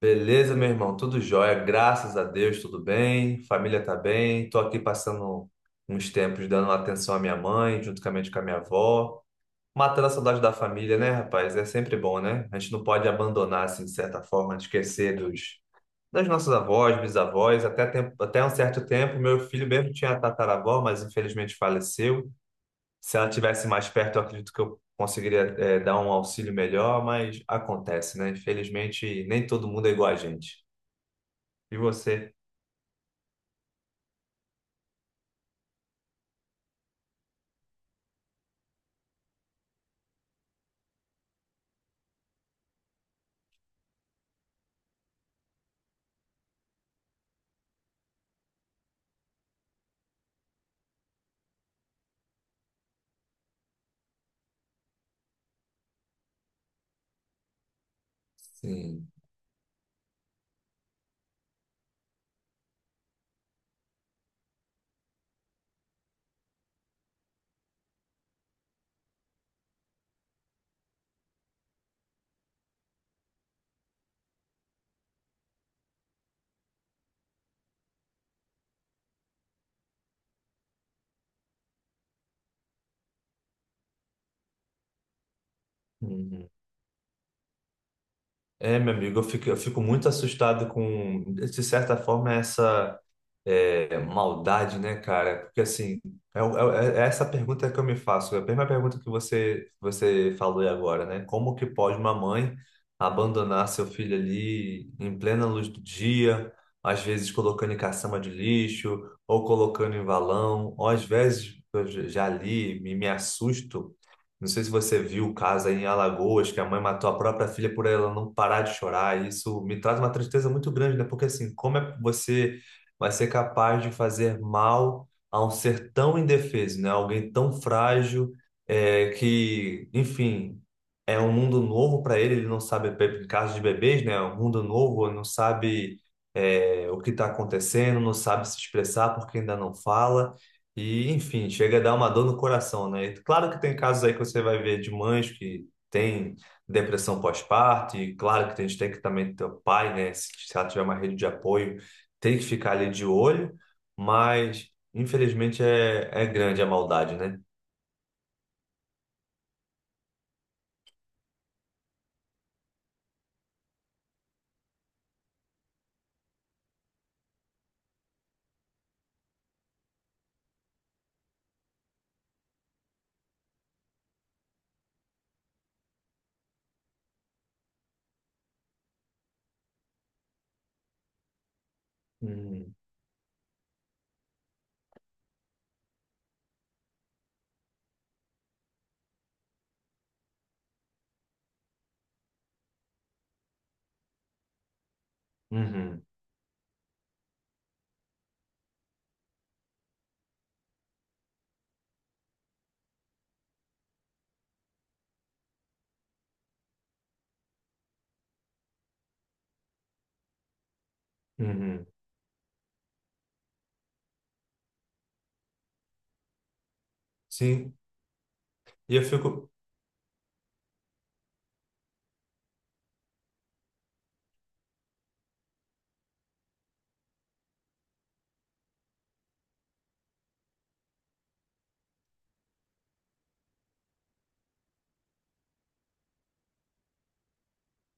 Beleza, meu irmão? Tudo jóia, graças a Deus, tudo bem. Família tá bem. Tô aqui passando uns tempos dando atenção à minha mãe, juntamente com a minha avó. Matando a saudade da família, né, rapaz? É sempre bom, né? A gente não pode abandonar, assim, de certa forma, de esquecer dos, das nossas avós, bisavós. Até, tempo, até um certo tempo, meu filho mesmo tinha a tataravó, mas infelizmente faleceu. Se ela tivesse mais perto, eu acredito que eu conseguiria, dar um auxílio melhor, mas acontece, né? Infelizmente, nem todo mundo é igual a gente. E você? Sim. Uhum. É, meu amigo, eu fico muito assustado com, de certa forma, essa maldade, né, cara? Porque, assim, é essa pergunta que eu me faço, é a mesma pergunta que você falou aí agora, né? Como que pode uma mãe abandonar seu filho ali em plena luz do dia, às vezes colocando em caçamba de lixo, ou colocando em valão, ou às vezes, eu já li, me assusto. Não sei se você viu o caso aí em Alagoas, que a mãe matou a própria filha por ela não parar de chorar. E isso me traz uma tristeza muito grande, né? Porque assim, como é que você vai ser capaz de fazer mal a um ser tão indefeso, né? Alguém tão frágil, é, que, enfim, é um mundo novo para ele. Ele não sabe, em caso de bebês, né? É um mundo novo, não sabe, é, o que está acontecendo, não sabe se expressar porque ainda não fala. E, enfim, chega a dar uma dor no coração, né? Claro que tem casos aí que você vai ver de mães que têm depressão pós-parto, e claro que a gente tem que também ter o pai, né? Se ela tiver uma rede de apoio, tem que ficar ali de olho, mas infelizmente é, é grande a maldade, né? Uhum, uhum, uhum. Sim, e eu fico.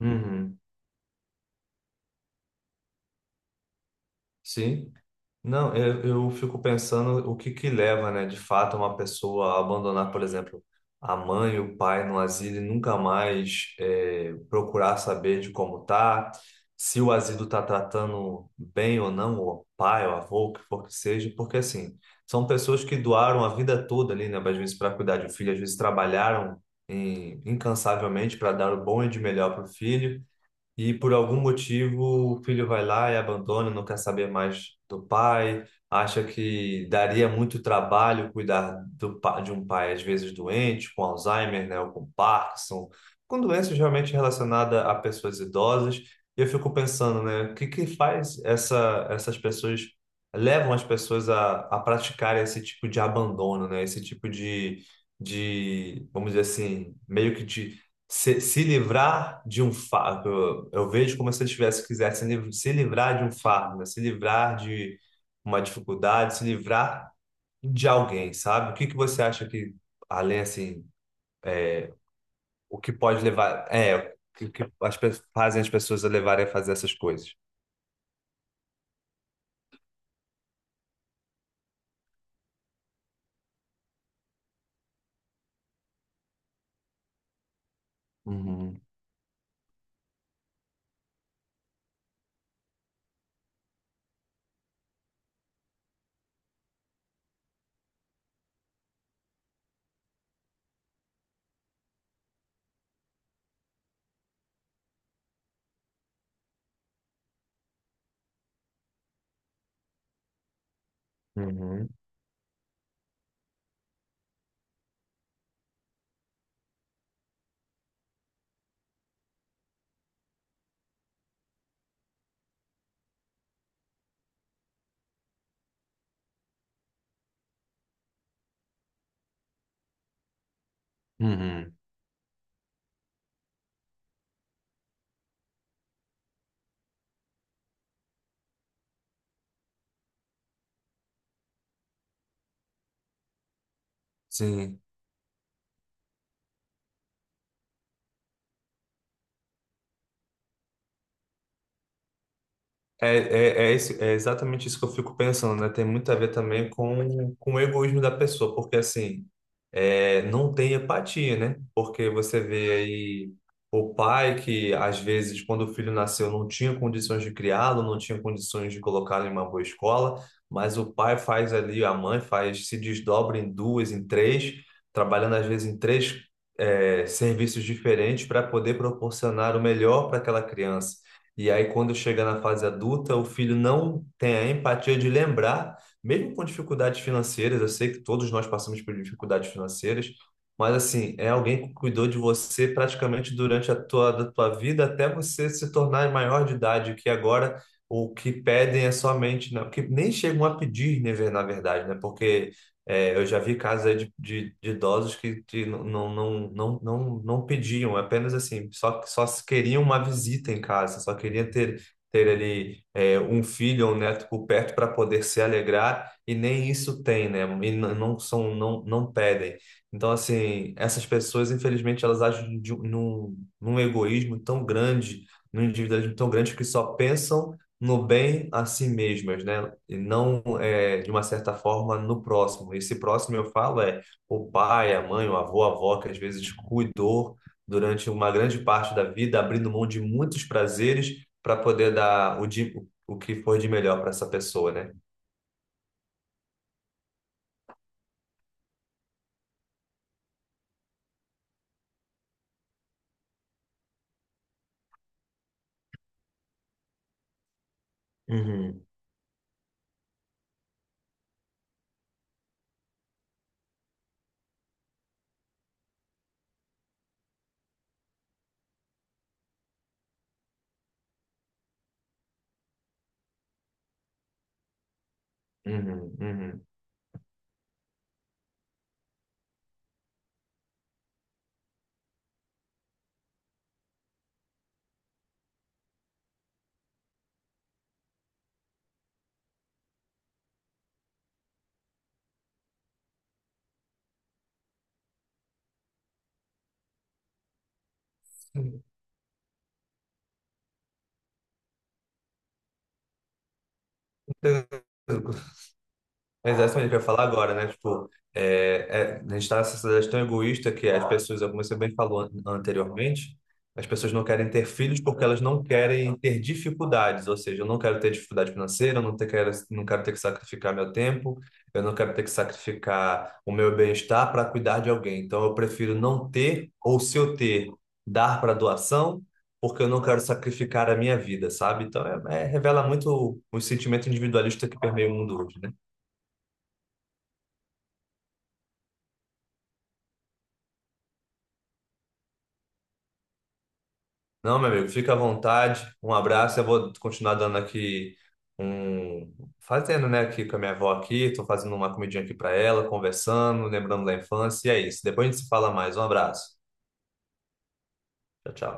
Uhum, sim. Não, eu fico pensando o que que leva, né, de fato, uma pessoa a abandonar, por exemplo, a mãe e o pai no asilo e nunca mais procurar saber de como tá, se o asilo está tratando bem ou não, o pai, o avô, o que for que seja, porque assim, são pessoas que doaram a vida toda ali, né, às vezes para cuidar de um filho, às vezes trabalharam incansavelmente para dar o bom e de melhor para o filho. E por algum motivo o filho vai lá e abandona, não quer saber mais do pai, acha que daria muito trabalho cuidar de um pai às vezes doente, com Alzheimer, né, ou com Parkinson, com doenças realmente relacionadas a pessoas idosas. E eu fico pensando, né, o que que faz essas pessoas, levam as pessoas a praticar esse tipo de abandono, né, esse tipo de, vamos dizer assim, meio que de se livrar de um fardo. Eu vejo como se ele tivesse quisesse se livrar de um fardo, né? Se livrar de uma dificuldade, se livrar de alguém, sabe? O que que você acha que, além assim, o que pode levar, é, o que, que fazem as pessoas a levarem a fazer essas coisas? Uhum, uhum, uhum. Sim. É exatamente isso que eu fico pensando, né? Tem muito a ver também com o egoísmo da pessoa, porque assim, é, não tem empatia, né? Porque você vê aí o pai que, às vezes, quando o filho nasceu, não tinha condições de criá-lo, não tinha condições de colocá-lo em uma boa escola, mas o pai faz ali, a mãe faz, se desdobra em duas, em três, trabalhando às vezes em três, é, serviços diferentes para poder proporcionar o melhor para aquela criança. E aí, quando chega na fase adulta, o filho não tem a empatia de lembrar mesmo com dificuldades financeiras, eu sei que todos nós passamos por dificuldades financeiras, mas assim, é alguém que cuidou de você praticamente durante a da tua vida até você se tornar maior de idade, que agora o que pedem é somente, né? Porque nem chegam a pedir, né, na verdade, né? Porque é, eu já vi casos aí de idosos que não pediam, é apenas assim, só se queriam uma visita em casa, só queriam ter, ter ali é, um filho ou um neto por perto para poder se alegrar e nem isso tem, né? Não são, não pedem. Então, assim, essas pessoas, infelizmente, elas agem de, num egoísmo tão grande, num individualismo tão grande que só pensam no bem a si mesmas, né? E não, é, de uma certa forma, no próximo. Esse próximo, eu falo, é o pai, a mãe, o avô, a avó, que às vezes cuidou durante uma grande parte da vida, abrindo mão de muitos prazeres para poder dar o que foi de melhor para essa pessoa, né? Uhum, uhum, uhum. Exatamente o que eu ia falar agora, né? Tipo, é, é, a gente está nessa sociedade tão egoísta que as pessoas, como você bem falou anteriormente, as pessoas não querem ter filhos porque elas não querem ter dificuldades. Ou seja, eu não quero ter dificuldade financeira, eu não quero ter que sacrificar meu tempo, eu não quero ter que sacrificar o meu bem-estar para cuidar de alguém. Então, eu prefiro não ter, ou se eu ter, dar para doação, porque eu não quero sacrificar a minha vida, sabe? Então, revela muito o sentimento individualista que permeia o mundo hoje, né? Não, meu amigo, fica à vontade. Um abraço. Eu vou continuar dando aqui um. Fazendo, né, aqui com a minha avó aqui. Tô fazendo uma comidinha aqui para ela, conversando, lembrando da infância. E é isso. Depois a gente se fala mais. Um abraço. Tchau, tchau.